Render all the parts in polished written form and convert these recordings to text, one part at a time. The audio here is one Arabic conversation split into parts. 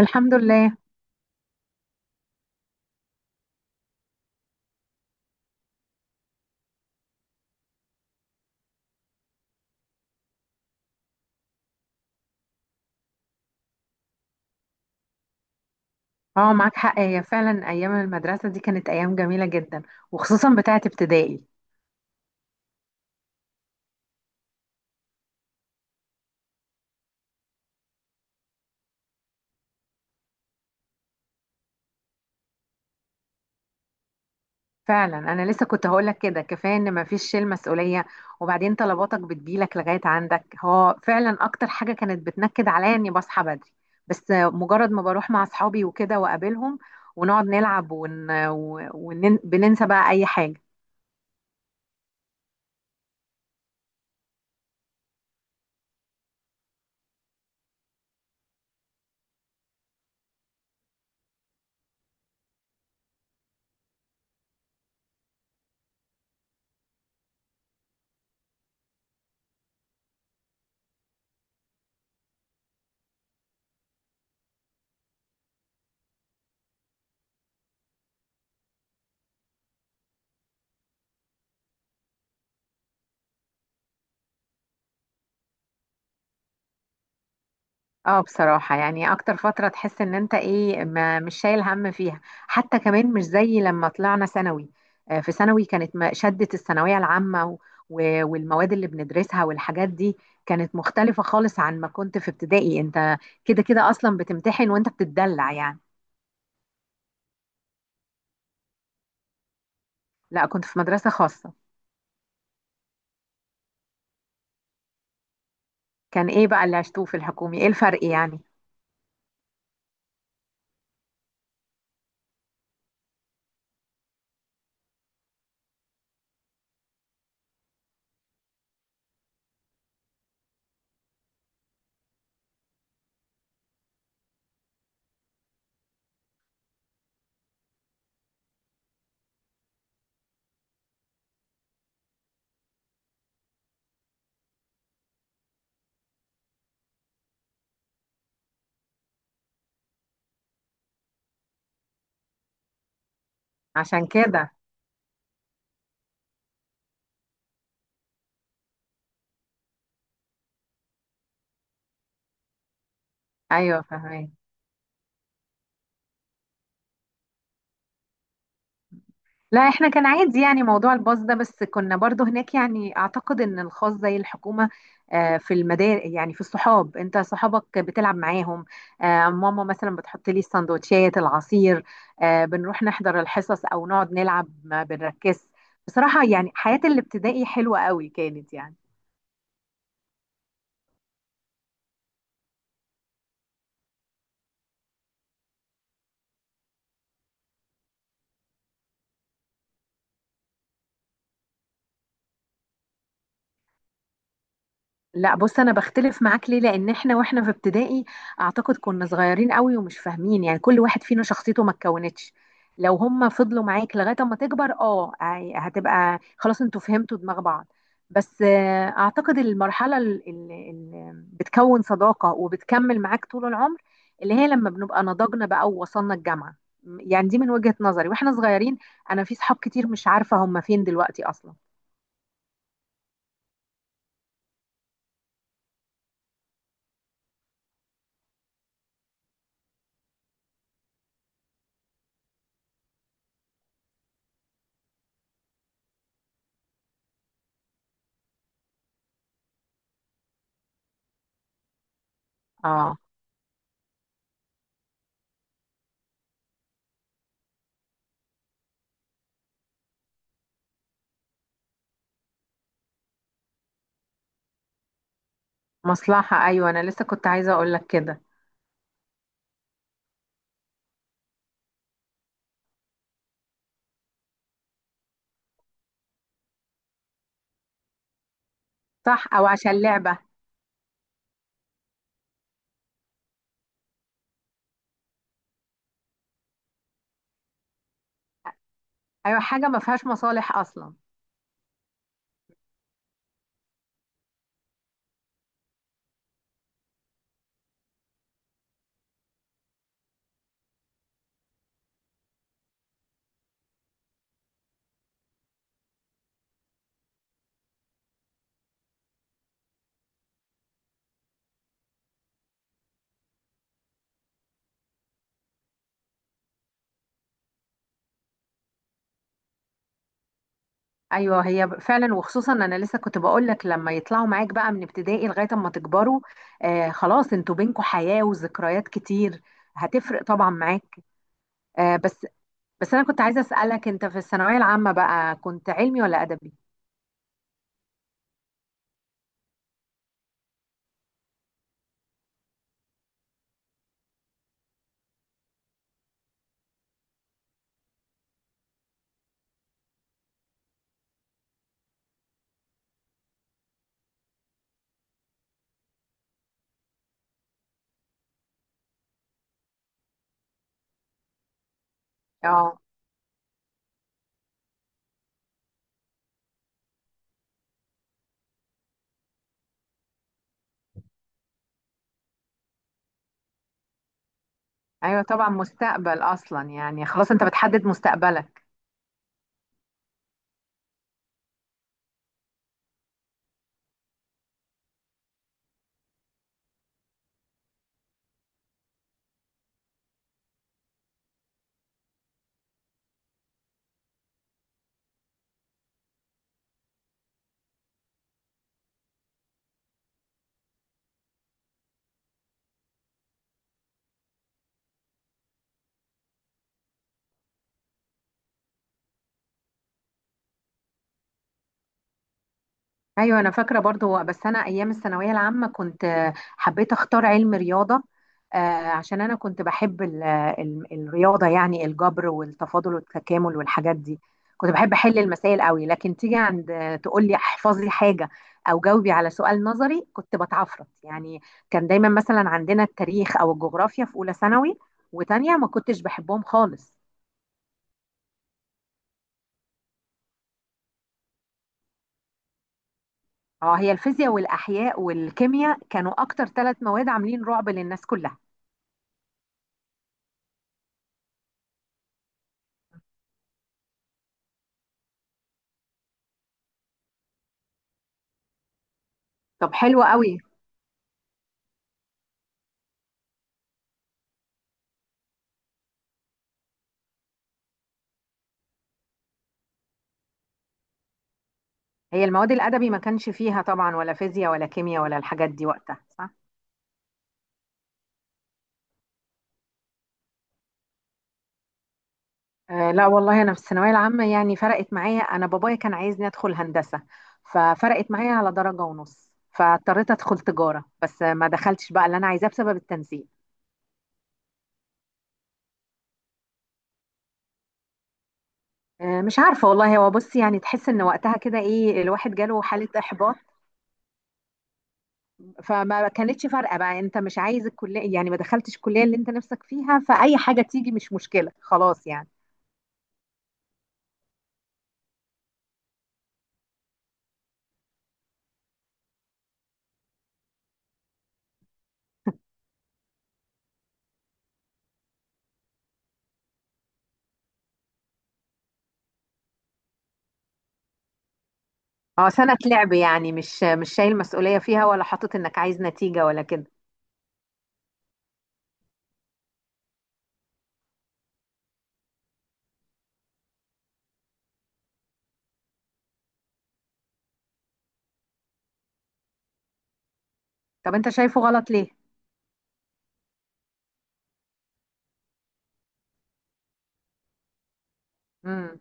الحمد لله. اه، معاك حق، هي فعلا ايام المدرسه دي كانت ايام جميله جدا، وخصوصا بتاعه ابتدائي. فعلا انا لسه كنت هقولك كده، كفايه ان مفيش شيل مسؤوليه، وبعدين طلباتك بتجيلك لغايه عندك، هو فعلا اكتر حاجه كانت بتنكد عليا اني بصحى بدري، بس مجرد ما بروح مع اصحابي وكده واقابلهم ونقعد نلعب بننسى بقى اي حاجه. اه بصراحة، يعني اكتر فترة تحس ان انت ايه، ما مش شايل هم فيها، حتى كمان مش زي لما طلعنا ثانوي. في ثانوي كانت شدة الثانوية العامة و والمواد اللي بندرسها والحاجات دي كانت مختلفة خالص عن ما كنت في ابتدائي. انت كده كده اصلا بتمتحن وانت بتتدلع يعني. لا، كنت في مدرسة خاصة. كان ايه بقى اللي عشتوه في الحكومي؟ ايه الفرق يعني؟ عشان كده. ايوه، فهمت. لا، احنا كان عادي يعني موضوع الباص ده، بس كنا برضو هناك. يعني اعتقد ان الخاص زي الحكومة. في المدارس، يعني في الصحاب، انت صحابك بتلعب معاهم، ماما مثلا بتحط لي السندوتشات العصير، بنروح نحضر الحصص او نقعد نلعب ما بنركز. بصراحة يعني حياة الابتدائي حلوة قوي كانت يعني. لا بص، انا بختلف معاك. ليه؟ لان احنا واحنا في ابتدائي اعتقد كنا صغيرين قوي ومش فاهمين، يعني كل واحد فينا شخصيته ما اتكونتش. لو هم فضلوا معاك لغايه اما تكبر، اه هتبقى خلاص انتوا فهمتوا دماغ بعض. بس اعتقد المرحله اللي بتكون صداقه وبتكمل معاك طول العمر اللي هي لما بنبقى نضجنا بقى ووصلنا الجامعه. يعني دي من وجهه نظري، واحنا صغيرين انا في صحاب كتير مش عارفه هم فين دلوقتي اصلا. اه. مصلحه، ايوه انا لسه كنت عايزه اقول لك كده. صح، او عشان لعبه. ايوه حاجه ما فيهاش مصالح اصلا. ايوه هي فعلا، وخصوصا انا لسه كنت بقول لك لما يطلعوا معاك بقى من ابتدائي لغايه اما تكبروا، آه خلاص انتوا بينكوا حياه وذكريات كتير، هتفرق طبعا معاك. آه بس، بس انا كنت عايزه اسالك، انت في الثانويه العامه بقى كنت علمي ولا ادبي؟ اه. ايوه طبعا، مستقبل اصلا يعني، خلاص انت بتحدد مستقبلك. ايوه انا فاكره برضو، بس انا ايام الثانويه العامه كنت، حبيت اختار علم رياضه، آه، عشان انا كنت بحب ال الرياضه يعني، الجبر والتفاضل والتكامل والحاجات دي. كنت بحب احل المسائل قوي، لكن تيجي عند، تقول لي احفظي حاجه او جاوبي على سؤال نظري، كنت بتعفرت يعني. كان دايما مثلا عندنا التاريخ او الجغرافيا في اولى ثانوي وتانية ما كنتش بحبهم خالص. اه، هي الفيزياء والاحياء والكيمياء كانوا اكتر 3 مواد عاملين رعب للناس كلها. طب حلو قوي. هي المواد الأدبي ما كانش فيها طبعا ولا فيزياء ولا كيمياء ولا الحاجات دي وقتها، صح؟ آه لا والله، أنا في الثانوية العامة يعني فرقت معايا، أنا بابايا كان عايزني أدخل هندسة، ففرقت معايا على درجة ونص، فاضطريت أدخل تجارة، بس ما دخلتش بقى اللي أنا عايزاه بسبب التنسيق. آه مش عارفة والله، هو بص يعني تحس إن وقتها كده إيه، الواحد جاله حالة إحباط، فما كانتش فارقة بقى، أنت مش عايز الكلية يعني، ما دخلتش الكلية اللي أنت نفسك فيها، فأي حاجة تيجي مش مشكلة خلاص يعني. اه سنة لعب يعني، مش مش شايل مسؤولية فيها ولا حاطط انك عايز نتيجة ولا كده. طب انت شايفه غلط ليه؟ امم.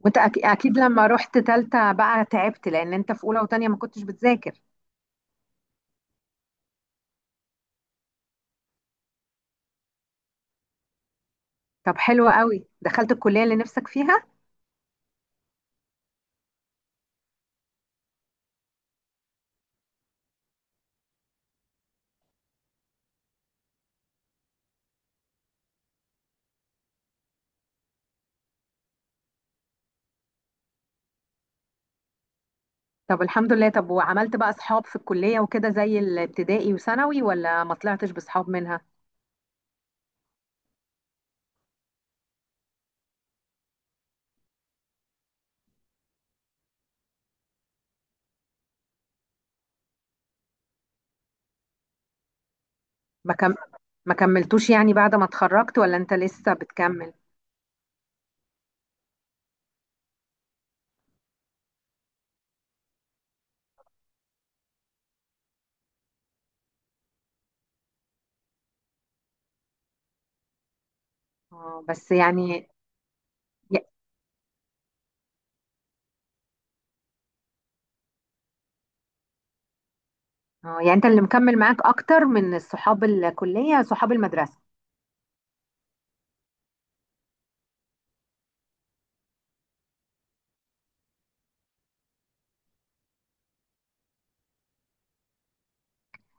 وانت اكيد لما رحت تالتة بقى تعبت، لان انت في اولى وتانية ما كنتش بتذاكر. طب حلو قوي، دخلت الكلية اللي نفسك فيها. طب الحمد لله. طب وعملت بقى اصحاب في الكلية وكده زي الابتدائي وثانوي ولا ما طلعتش باصحاب منها؟ ما كم... ما كملتوش يعني بعد ما اتخرجت ولا انت لسه بتكمل؟ اه بس يعني. ي- اه يعني انت اللي مكمل معاك اكتر من صحاب الكلية صحاب المدرسة.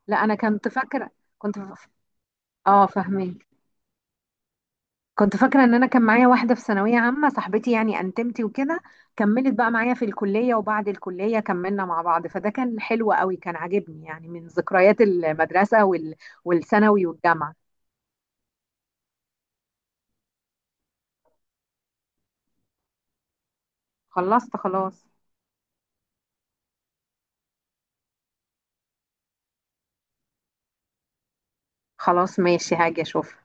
لا انا كنت فاكره. كنت ف... اه فاهمك. كنت فاكره ان انا كان معايا واحده في ثانويه عامه صاحبتي يعني انتمتي وكده، كملت بقى معايا في الكليه، وبعد الكليه كملنا مع بعض، فده كان حلو قوي، كان عاجبني يعني من ذكريات المدرسه والثانوي والجامعه. خلصت خلاص. خلاص ماشي، هاجي اشوف.